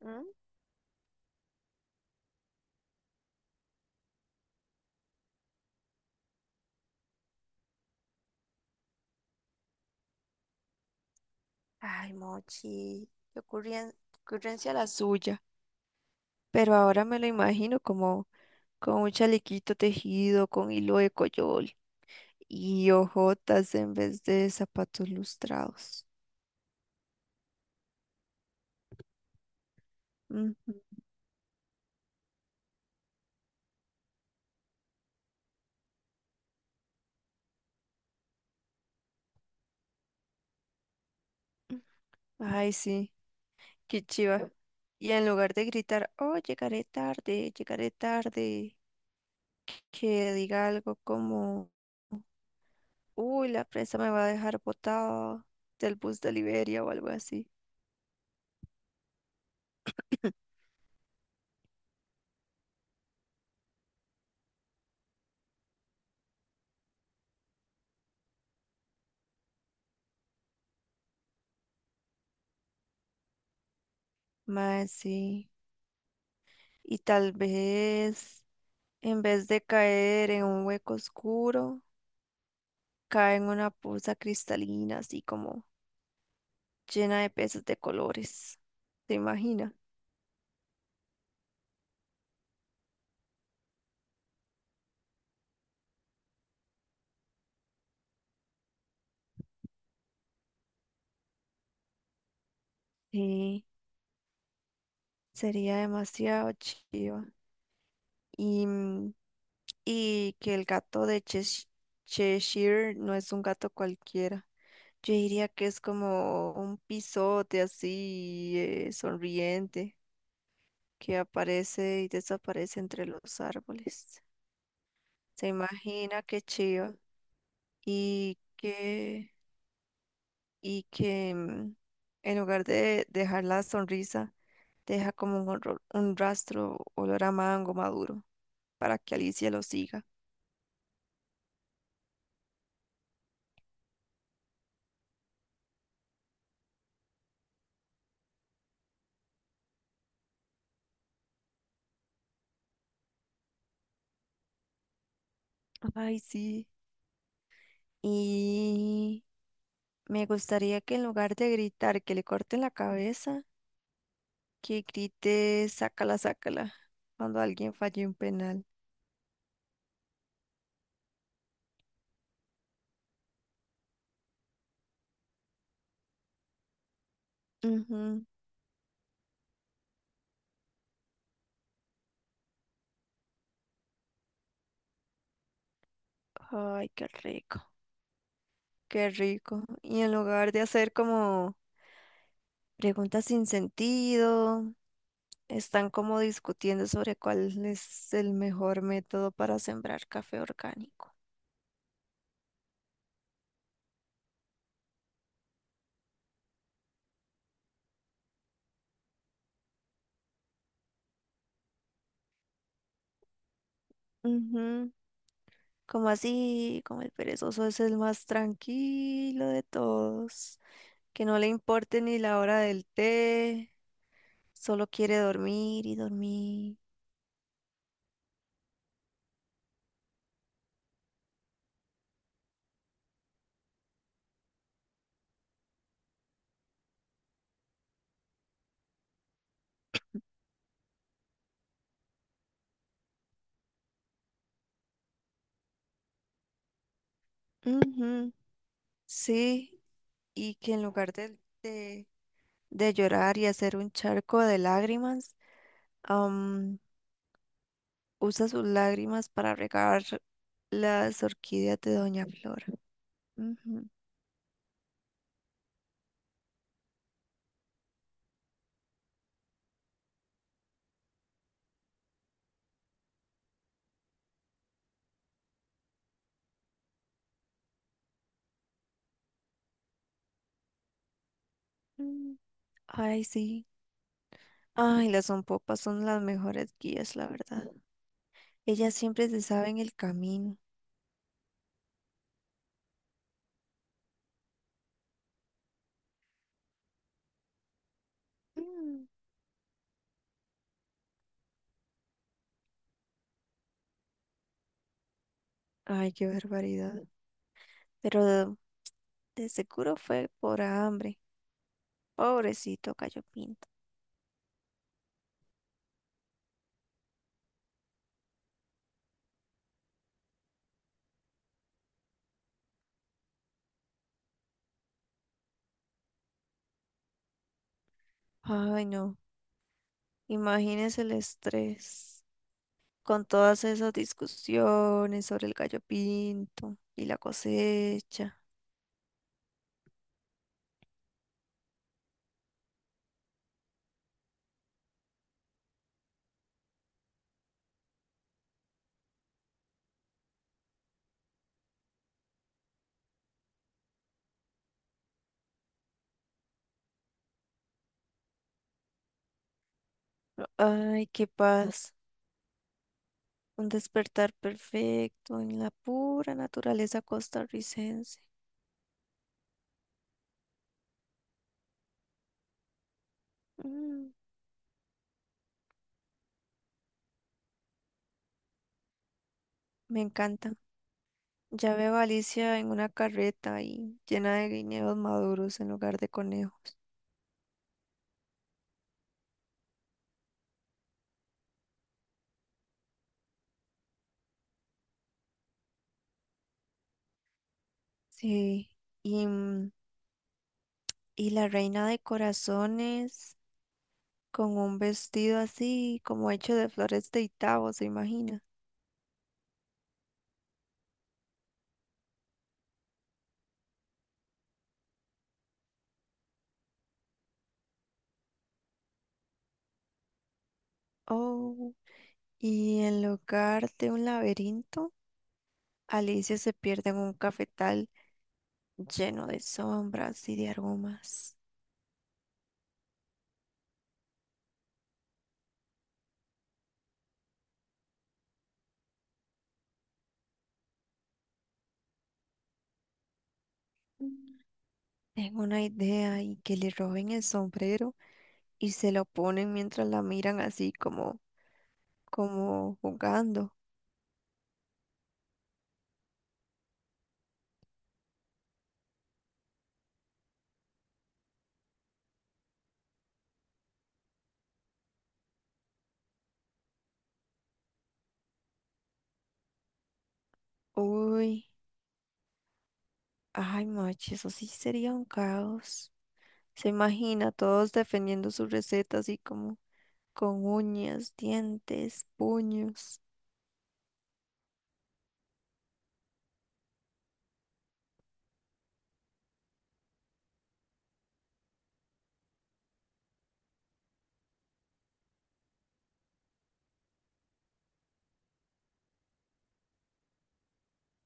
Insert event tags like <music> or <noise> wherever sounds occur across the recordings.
¿Mm? Ay, Mochi, ocurrencia la suya. Pero ahora me lo imagino como con un chalequito tejido, con hilo de coyol y ojotas en vez de zapatos lustrados. Ujú. Ay, sí, qué chiva. Y en lugar de gritar, oh, llegaré tarde, que diga algo como... Uy, la prensa me va a dejar botada del bus de Liberia o algo así. <clears throat> Mae, sí. Y tal vez, en vez de caer en un hueco oscuro, cae en una poza cristalina, así como llena de peces de colores. ¿Te imaginas? Sí, sería demasiado chiva. Y mm, y que el gato de Cheshire no es un gato cualquiera. Yo diría que es como un pisote así, sonriente, que aparece y desaparece entre los árboles. Se imagina qué chiva y que y que en lugar de dejar la sonrisa, deja como un, un rastro olor a mango maduro para que Alicia lo siga. Ay, sí. Y me gustaría que en lugar de gritar que le corten la cabeza, que grite sácala, sácala cuando alguien falle un penal. Ujú. Ay, qué rico. Qué rico. Y en lugar de hacer como preguntas sin sentido, están como discutiendo sobre cuál es el mejor método para sembrar café orgánico. Ujú. Como así, como el perezoso es el más tranquilo de todos, que no le importe ni la hora del té, solo quiere dormir y dormir. Ujú. Sí, y que en lugar de té de llorar y hacer un charco de lágrimas, usa sus lágrimas para regar las orquídeas de Doña Flora. Ujú. Mm, ay, sí. Ay, las zompopas son las mejores guías, la verdad. Ellas siempre se saben el camino. Mm, ay, qué barbaridad. Pero de, de seguro fue por hambre. Pobrecito Gallo Pinto. Ay, no. Imagínese el estrés con todas esas discusiones sobre el Gallo Pinto y la cosecha. Ay, qué paz. Un despertar perfecto en la pura naturaleza costarricense. Mm, me encanta. Ya veo a Alicia en una carreta y llena de guineos maduros en lugar de conejos. Sí. Y, mm, y la reina de corazones con un vestido así como hecho de flores de Itabo, ¿se imagina? Oh. Y en lugar de un laberinto, Alicia se pierde en un cafetal lleno de sombras y de aromas. Tengo una idea y que le roben el sombrero y se lo ponen mientras la miran como jugando. Uy, ay, macho, eso sí sería un caos. Se imagina todos defendiendo su receta así como con uñas, dientes, puños.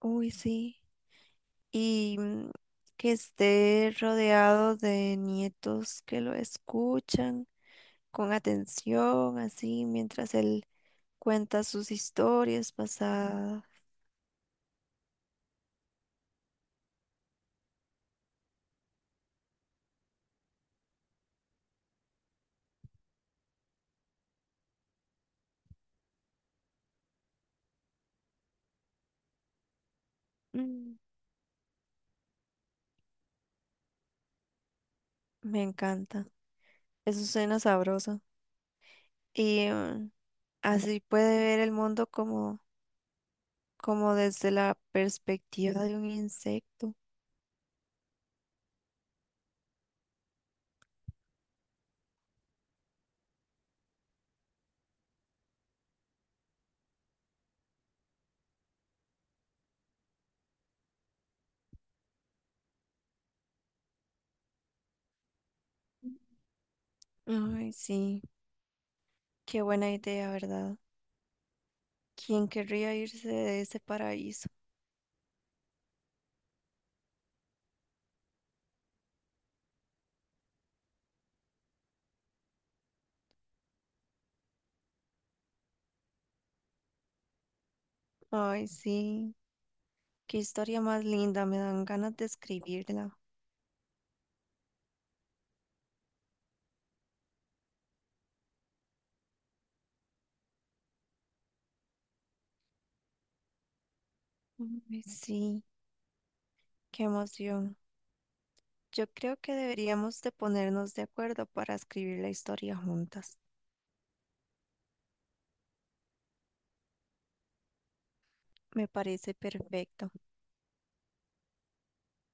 Uy, sí. Y mm, que esté rodeado de nietos que lo escuchan con atención, así mientras él cuenta sus historias pasadas. Mm, me encanta. Eso suena sabroso. Y mm, así puede ver el mundo como, como desde la perspectiva de un insecto. Ay, sí, qué buena idea, ¿verdad? ¿Quién querría irse de ese paraíso? Ay, sí, qué historia más linda, me dan ganas de escribirla. Ay, sí, qué emoción. Yo creo que deberíamos de ponernos de acuerdo para escribir la historia juntas. Me parece perfecto.